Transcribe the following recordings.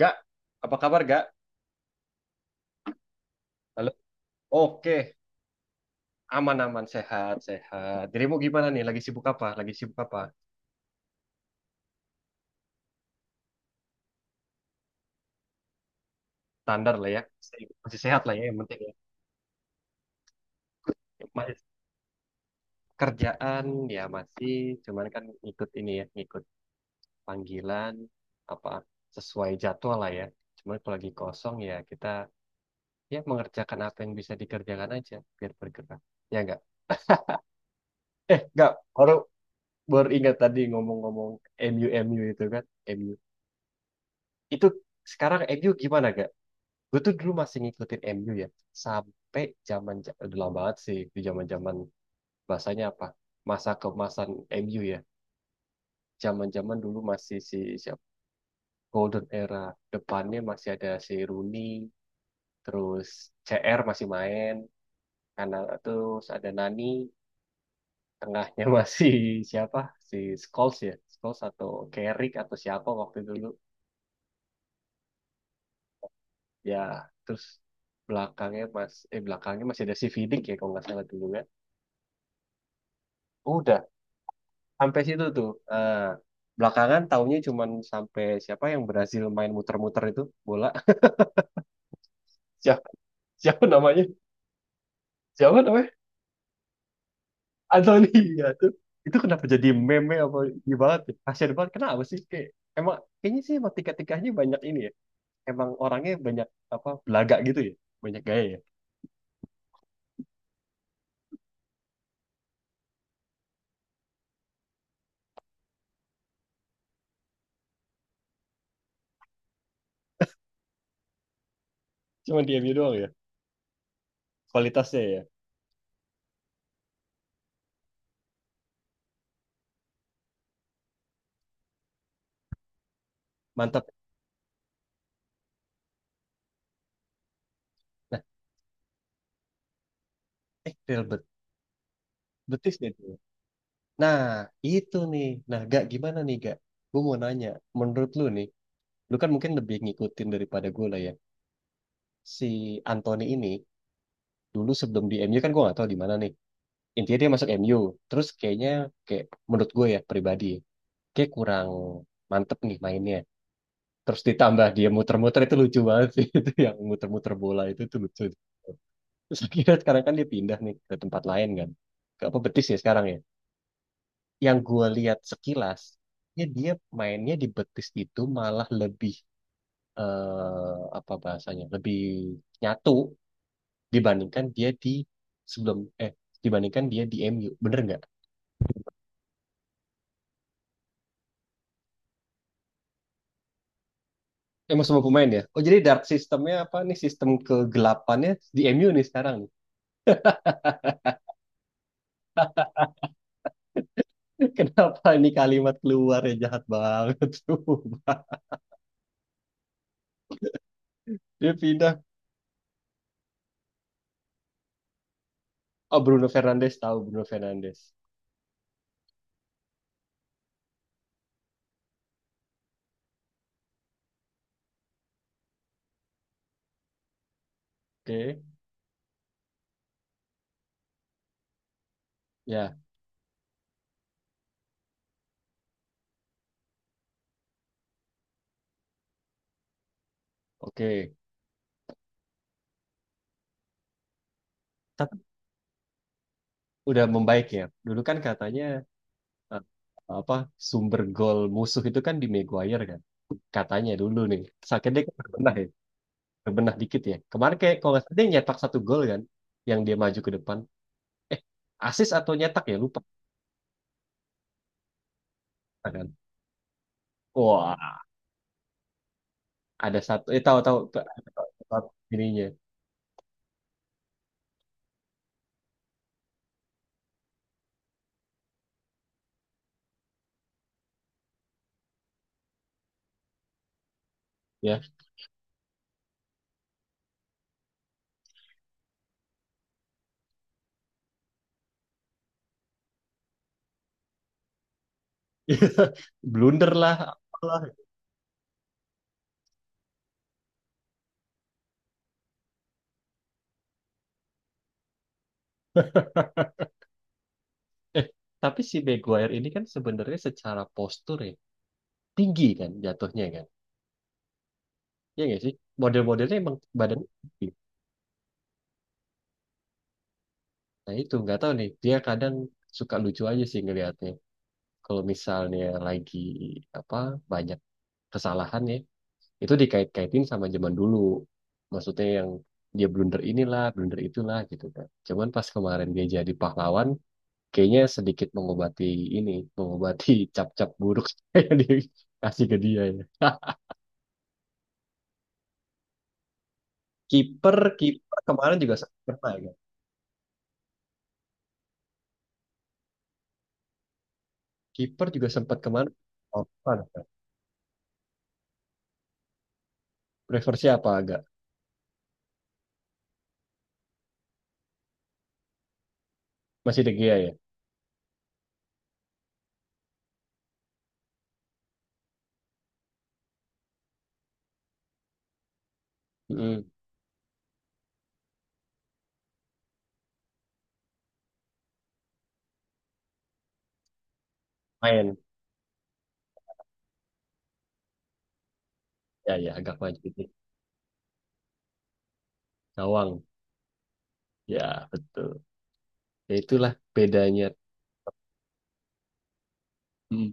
Gak, apa kabar gak? Halo. Oke, aman-aman, sehat-sehat. Dirimu gimana nih? Lagi sibuk apa? Lagi sibuk apa? Standar lah ya. Se- Masih sehat lah ya, yang penting ya. Masih kerjaan ya masih, cuman kan ikut ini ya, ikut panggilan apa sesuai jadwal lah ya. Cuman kalau lagi kosong ya kita ya mengerjakan apa yang bisa dikerjakan aja biar bergerak. Ya enggak? Eh, enggak. Baru baru ingat tadi ngomong-ngomong MU MU itu kan, MU. Itu sekarang MU gimana gak? Gue tuh dulu masih ngikutin MU ya sampai zaman udah lama banget sih di zaman zaman bahasanya apa masa kemasan MU ya zaman zaman dulu masih si siapa Golden Era depannya masih ada si Rooney terus CR masih main karena terus ada Nani tengahnya masih siapa si Scholes ya Scholes atau Carrick atau siapa waktu dulu ya terus belakangnya masih ada si Vidic ya kalau nggak salah dulu ya udah sampai situ tuh. Eh, belakangan taunya cuman sampai siapa yang berhasil main muter-muter itu bola. Siapa, siapa namanya? Siapa namanya? Anthony ya tuh. Itu kenapa jadi meme apa ini banget ya? Kasian banget. Kenapa sih? Kayak, emang kayaknya sih emang tiga-tiganya banyak ini ya. Emang orangnya banyak apa belaga gitu ya. Banyak gaya ya. Cuman dia doang ya. Kualitasnya ya. Mantap. Nah, eh Real Bet Betis deh tuh. Nah, itu nih. Nah, gak gimana nih, gak? Gue mau nanya, menurut lu nih, lu kan mungkin lebih ngikutin daripada gue lah ya. Si Anthony ini dulu sebelum di MU kan gue gak tahu di mana nih. Intinya dia masuk MU, terus kayaknya kayak menurut gue ya pribadi, kayak kurang mantep nih mainnya. Terus ditambah dia muter-muter itu lucu banget sih itu yang muter-muter bola itu tuh lucu. Terus akhirnya sekarang kan dia pindah nih ke tempat lain kan. Ke apa Betis ya sekarang ya. Yang gue lihat sekilas, ya dia mainnya di Betis itu malah lebih apa bahasanya lebih nyatu dibandingkan dia di sebelum eh dibandingkan dia di MU bener nggak? Emang semua pemain ya? Oh jadi dark sistemnya apa nih sistem kegelapannya di MU nih sekarang nih. Kenapa ini kalimat keluar ya jahat banget tuh. Dia pindah. Oh Bruno Fernandes tahu Bruno Fernandes. Oke ya oke. Tapi udah membaik ya. Dulu kan katanya eh, apa sumber gol musuh itu kan di Maguire kan katanya dulu nih sakitnya kan pernah ya berbenah dikit ya. Kemarin kayak kalau nggak salah dia nyetak satu gol kan, yang dia maju ke depan. Eh, asis atau nyetak ya lupa kan. Wah, ada satu. Eh tahu-tahu ininya ya. Blunder lah, apalah. Eh, tapi si Maguire ini kan sebenarnya secara postur ya tinggi kan jatuhnya kan. Iya nggak sih? Model-modelnya emang badan tinggi. Nah itu nggak tahu nih. Dia kadang suka lucu aja sih ngelihatnya. Kalau misalnya lagi apa banyak kesalahan ya itu dikait-kaitin sama zaman dulu. Maksudnya yang dia blunder inilah, blunder itulah gitu kan. Cuman pas kemarin dia jadi pahlawan, kayaknya sedikit mengobati ini, mengobati cap-cap buruk yang dikasih ke dia ya. Kiper, kiper kemarin juga sempat pernah ya. Kiper juga sempat kemarin. Oh, bukan, bukan. Prefer siapa agak? Masih De Gea ya? Mm-mm. Main. Ya, ya agak maju dikit. Gawang. Ya, betul. Ya itulah bedanya. Mm.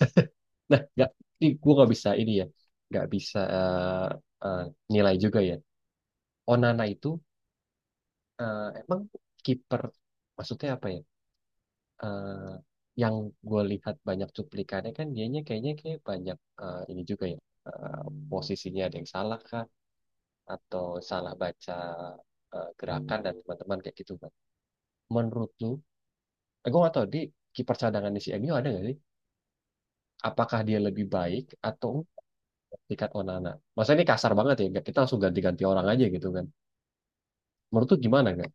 Nah, nggak, ini gue nggak bisa ini ya, nggak bisa eh, nilai juga ya. Onana itu emang kiper, maksudnya apa ya? Eh, yang gue lihat banyak cuplikannya kan dianya kayaknya kayak banyak ini juga ya. Eh, posisinya ada yang salah kah? Atau salah baca gerakan dan teman-teman kayak gitu kan? Menurut lu, gue nggak tahu di kiper cadangan di si MU ada nggak sih? Apakah dia lebih baik atau Tiket Onana. Masa ini kasar banget ya, kita langsung ganti-ganti orang aja gitu kan. Menurut tuh gimana kan?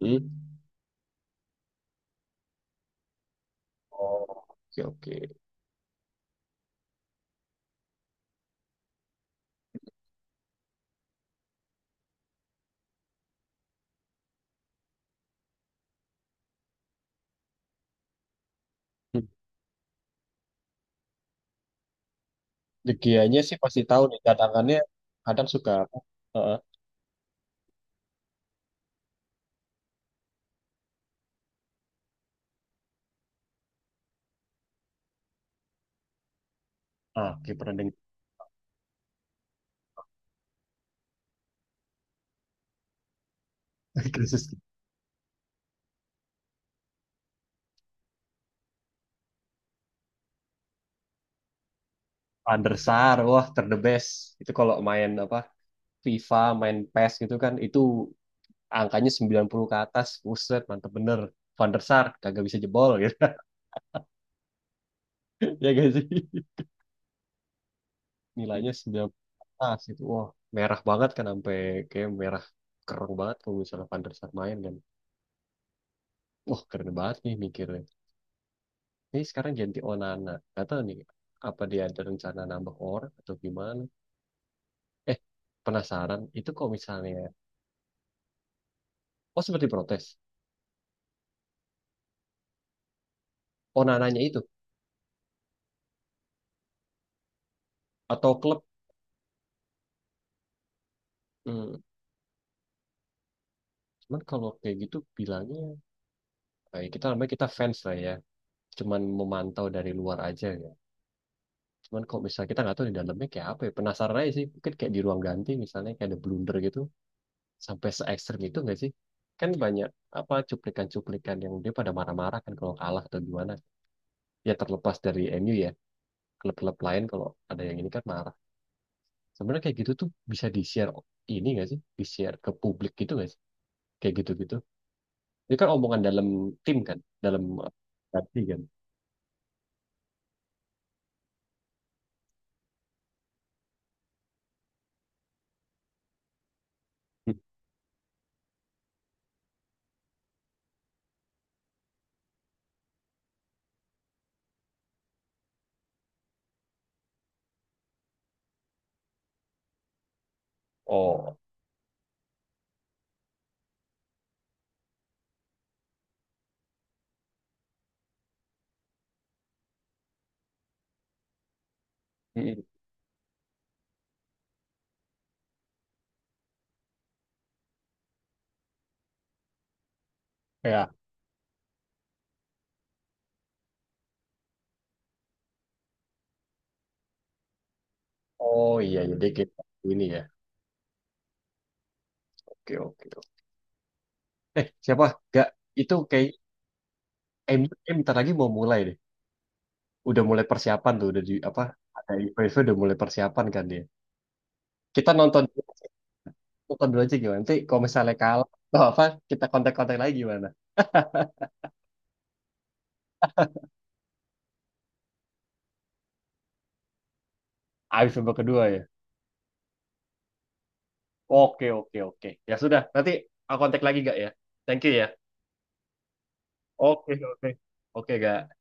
Hmm? Oh, oke oke. Hmm. De Gea-nya sih pasti tahu nih, cadangannya kadang suka apa, heeh. Ah, kiper yang krisis. Van der Sar, wah ter the best. Itu kalau main apa FIFA, main PES gitu kan, itu angkanya 90 ke atas, buset, mantep bener. Van der Sar, kagak bisa jebol gitu. Ya gak sih? Nilainya Tas itu wah merah banget kan sampai kayak merah kerong banget kalau misalnya Van der Sar main kan wah keren banget nih mikirnya ini sekarang ganti Onana nggak tahu nih apa dia ada rencana nambah orang atau gimana eh penasaran itu kalau misalnya oh seperti protes Onananya itu atau klub hmm, cuman kalau kayak gitu bilangnya kita namanya kita fans lah ya cuman memantau dari luar aja ya cuman kalau misalnya kita nggak tahu di dalamnya kayak apa ya penasaran aja sih mungkin kayak di ruang ganti misalnya kayak ada blunder gitu sampai se ekstrem itu nggak sih? Kan banyak apa cuplikan-cuplikan yang dia pada marah-marah kan kalau kalah atau gimana. Ya terlepas dari MU ya, klub-klub lain kalau ada yang ini kan marah. Sebenarnya kayak gitu tuh bisa di-share ini nggak sih? Di-share ke publik gitu nggak sih? Kayak gitu-gitu. Ini kan omongan dalam tim kan, dalam hati kan. Hmm. Oh, mm, ya, oh iya iya dia kayak ini ya. Oke, oke. Oke. Eh siapa? Gak itu kayak MU bentar lagi mau mulai deh. Udah mulai persiapan tuh udah di apa ada IPV udah mulai persiapan kan dia kita nonton dulu aja gimana nanti kalau misalnya kalah atau apa kita kontak-kontak lagi gimana abis babak kedua ya oke oke oke ya sudah nanti aku kontak lagi gak ya thank you ya oke oke oke gak